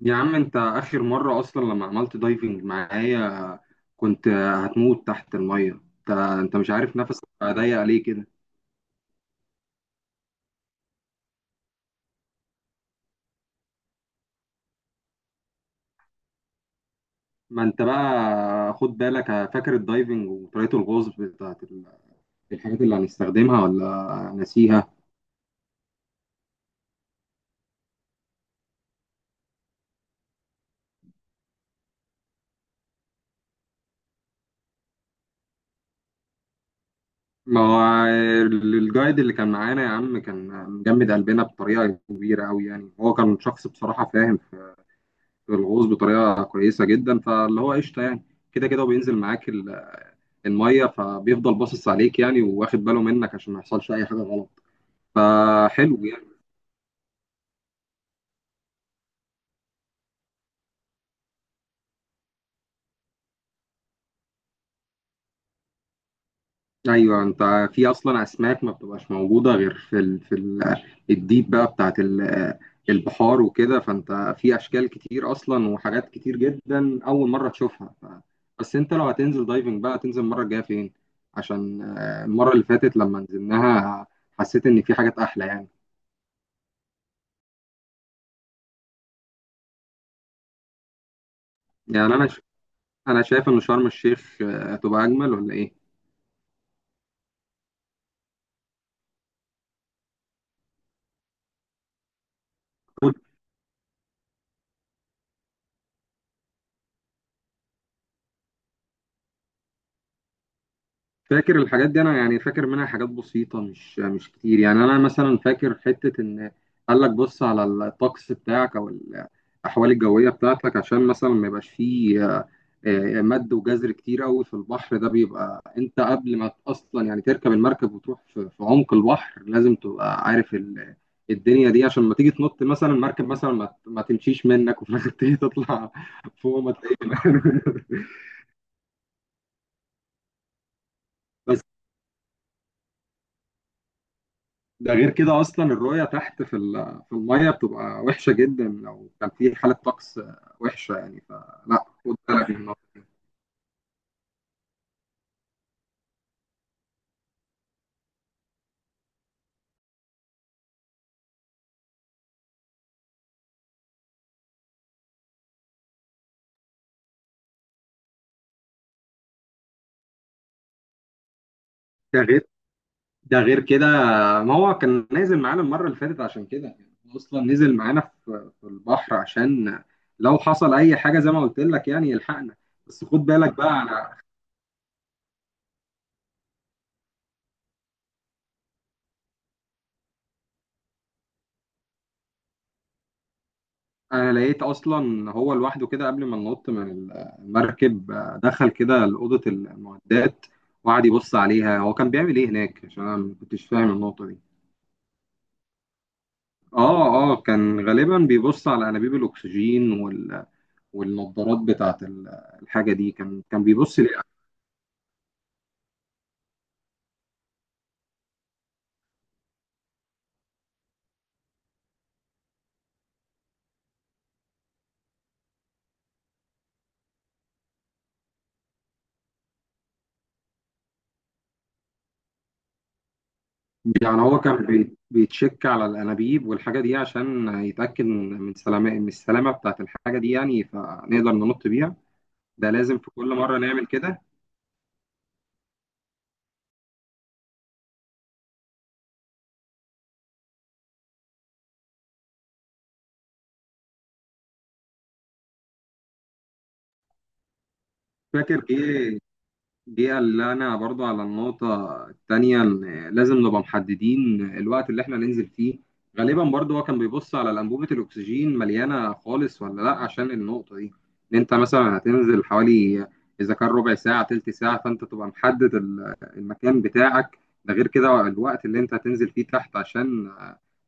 يا عم انت اخر مرة اصلا لما عملت دايفنج معايا كنت هتموت تحت المية. انت مش عارف نفسك بقى ضيق ليه كده. ما انت بقى خد بالك، فاكر الدايفنج وطريقة الغوص بتاعت الحاجات اللي هنستخدمها ولا ناسيها؟ ما هو الجايد اللي كان معانا يا عم كان مجمد قلبنا بطريقة كبيرة قوي، يعني هو كان شخص بصراحة فاهم في الغوص بطريقة كويسة جدا، فاللي هو قشطة يعني. كده كده وبينزل معاك الميه، فبيفضل باصص عليك يعني وواخد باله منك عشان ما يحصلش اي حاجه غلط، فحلو يعني. ايوه، انت في اصلا اسماك ما بتبقاش موجوده غير في الديب بقى بتاعت البحار وكده، فانت في اشكال كتير اصلا وحاجات كتير جدا اول مره تشوفها بس انت لو هتنزل دايفنج بقى هتنزل المره الجايه فين؟ عشان المره اللي فاتت لما نزلناها حسيت ان في حاجات احلى يعني. يعني انا ش... انا شايف ان شرم الشيخ هتبقى اجمل ولا ايه؟ فاكر الحاجات دي، انا يعني فاكر منها حاجات بسيطه، مش كتير يعني. انا مثلا فاكر حته ان قال لك بص على الطقس بتاعك او الاحوال الجويه بتاعتك، عشان مثلا ما يبقاش فيه مد وجزر كتير قوي في البحر. ده بيبقى انت قبل ما اصلا يعني تركب المركب وتروح في عمق البحر، لازم تبقى عارف الدنيا دي، عشان ما تيجي تنط مثلا المركب، مثلا ما تمشيش منك وفي الاخر تيجي تطلع فوق ما تلاقيش. ده غير كده اصلا الرؤيه تحت في الميه بتبقى وحشه جدا لو كان في حاله طقس وحشه يعني، فلا خد بالك من الموضوع. ده غير ده غير كده، ما هو كان نازل معانا المره اللي فاتت عشان كده يعني، هو اصلا نزل معانا في البحر عشان لو حصل اي حاجه زي ما قلت لك يعني يلحقنا. بس خد بالك بقى. انا لقيت اصلا هو لوحده كده قبل ما ننط من المركب دخل كده لاوضه المعدات وقعد يبص عليها. هو كان بيعمل ايه هناك؟ عشان انا ما كنتش فاهم النقطه دي. اه، اه كان غالبا بيبص على انابيب الاكسجين والنضارات بتاعه الحاجه دي. كان بيبص ليه؟ يعني هو كان بيتشك على الانابيب والحاجه دي عشان يتاكد من سلامه من السلامه بتاعه الحاجه دي يعني، فنقدر ننط بيها. ده لازم في كل مره نعمل كده. فاكر ايه دي؟ اللي انا برضو على النقطة التانية، إن لازم نبقى محددين الوقت اللي احنا ننزل فيه. غالبا برضو هو كان بيبص على الأنبوبة الأكسجين مليانة خالص ولا لأ، عشان النقطة دي إن أنت مثلا هتنزل حوالي، إذا كان ربع ساعة تلت ساعة، فأنت تبقى محدد المكان بتاعك. ده غير كده الوقت اللي أنت هتنزل فيه تحت، عشان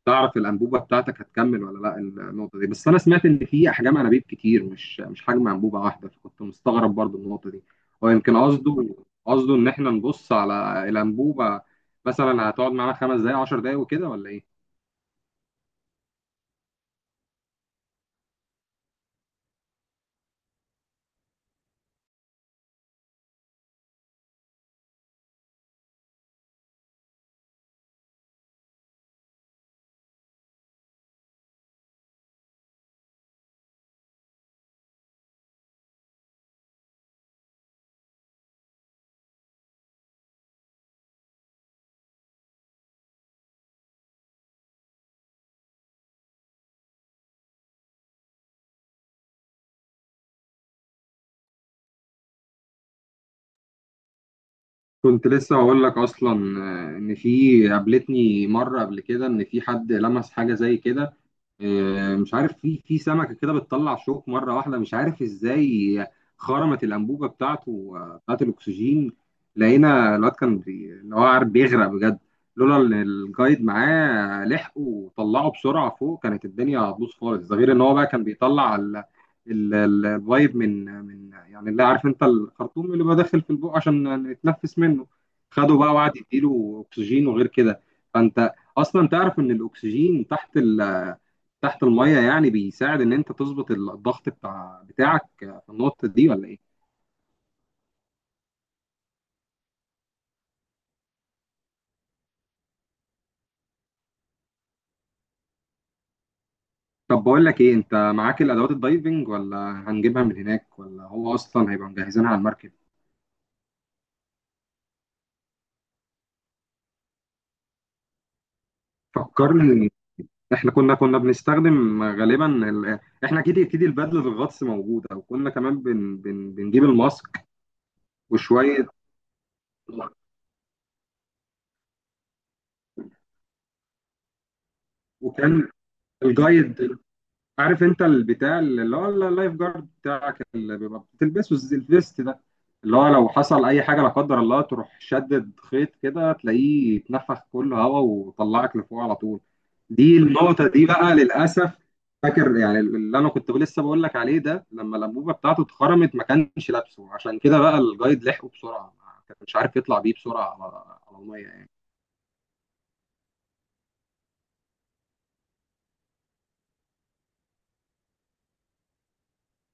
تعرف الأنبوبة بتاعتك هتكمل ولا لأ. النقطة دي، بس أنا سمعت إن في أحجام أنابيب كتير، مش حجم أنبوبة واحدة، فكنت مستغرب برضو النقطة دي. هو يمكن قصده قصده ان احنا نبص على الانبوبه مثلا هتقعد معانا خمس دقايق عشر دقايق وكده ولا ايه. كنت لسه هقول لك اصلا ان في، قابلتني مره قبل كده، ان في حد لمس حاجه زي كده، مش عارف في في سمكه كده بتطلع شوك مره واحده مش عارف ازاي، خرمت الانبوبه بتاعته بتاعت الاكسجين. لقينا الواد كان اللي هو عارف بيغرق بجد، لولا ان الجايد معاه لحقه وطلعه بسرعه فوق كانت الدنيا هتبوظ خالص. ده غير ان هو بقى كان بيطلع الفايب من يعني، اللي عارف انت الخرطوم اللي بقى داخل في البق عشان نتنفس منه. خده بقى وقعد يديله اكسجين وغير كده. فانت اصلا تعرف ان الاكسجين تحت تحت المية يعني بيساعد ان انت تظبط الضغط بتاعك في النقطة دي ولا ايه؟ طب بقول لك ايه، انت معاك الادوات الدايفنج ولا هنجيبها من هناك، ولا هو اصلا هيبقى مجهزينها على المركب؟ فكرني، احنا كنا بنستخدم غالبا احنا اكيد البدلة الغطس موجودة، وكنا كمان بنجيب الماسك وشوية. وكان الجايد، عارف انت البتاع اللي هو اللايف جارد بتاعك اللي بيبقى بتلبسه، الفيست ده اللي هو لو حصل اي حاجه لا قدر الله تروح شدد خيط كده تلاقيه اتنفخ كله هوا وطلعك لفوق على طول. دي النقطه دي بقى للاسف. فاكر يعني اللي انا كنت لسه بقول لك عليه ده، لما الانبوبه بتاعته اتخرمت ما كانش لابسه، عشان كده بقى الجايد لحقه بسرعه، ما كانش عارف يطلع بيه بسرعه على على الميه يعني.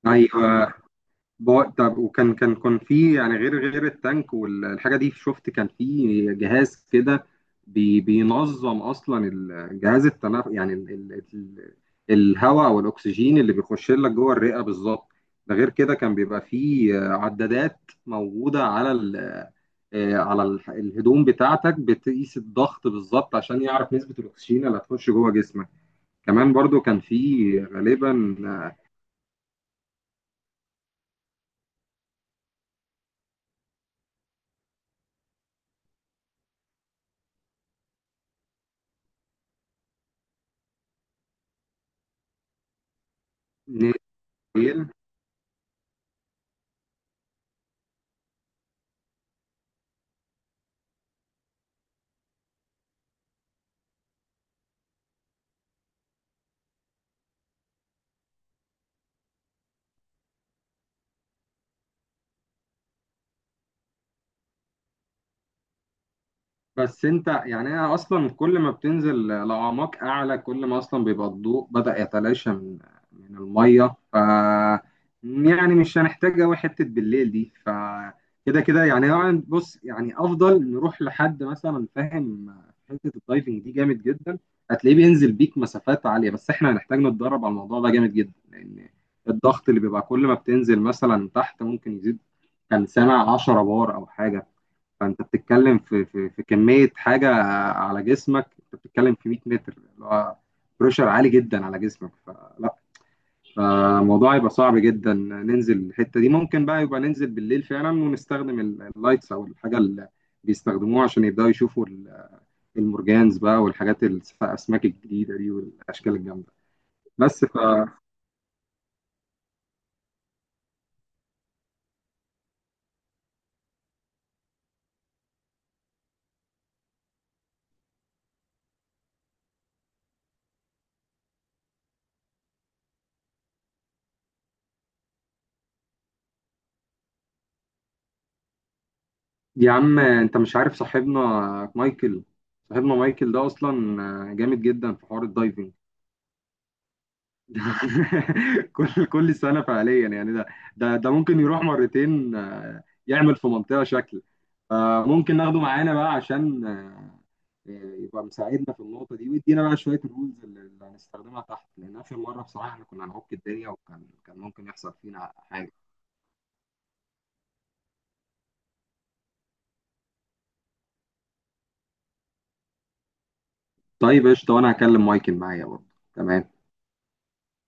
ايوه. طب وكان، كان في يعني غير التانك والحاجه دي، شفت كان في جهاز كده بينظم اصلا جهاز التنف يعني ال ال ال الهواء او الاكسجين اللي بيخش لك جوه الرئه بالظبط. ده غير كده كان بيبقى في عدادات موجوده على ال آه، على ال- الهدوم بتاعتك، بتقيس الضغط بالظبط عشان يعرف نسبه الاكسجين اللي هتخش جوه جسمك. كمان برضو كان في غالبا آه، بس انت يعني، انا اصلا كل ما بتنزل لأعماق اعلى كل ما اصلا بيبقى الضوء بدأ يتلاشى من المية ف، يعني مش هنحتاج قوي حتة بالليل دي ف، كده كده يعني. طبعاً بص، يعني افضل نروح لحد مثلا فاهم في حتة الدايفنج دي جامد جدا، هتلاقيه بينزل بيك مسافات عالية، بس احنا هنحتاج نتدرب على الموضوع ده جامد جدا، لان الضغط اللي بيبقى كل ما بتنزل مثلا تحت ممكن يزيد. كان سامع 10 بار او حاجة، فانت بتتكلم في كميه حاجه على جسمك، انت بتتكلم في 100 متر، اللي هو بريشر عالي جدا على جسمك، فلا، فالموضوع يبقى صعب جدا ننزل الحته دي. ممكن بقى يبقى ننزل بالليل فعلا ونستخدم اللايتس او الحاجه اللي بيستخدموها، عشان يبداوا يشوفوا المرجانز بقى والحاجات الاسماك الجديده دي والاشكال الجامده. بس ف، يا عم انت مش عارف صاحبنا مايكل. صاحبنا مايكل ده اصلا جامد جدا في حوار الدايفنج. كل سنة فعليا يعني، ده ممكن يروح 2 مرتين يعمل في منطقة شكل. فممكن ناخده معانا بقى، عشان يبقى مساعدنا في النقطة دي، ويدينا بقى شوية الرولز اللي هنستخدمها تحت، لأن آخر مرة بصراحة احنا كنا هنعك الدنيا وكان ممكن يحصل فينا حاجة. طيب قشطة، وأنا هكلم مايكل معايا برضه. تمام.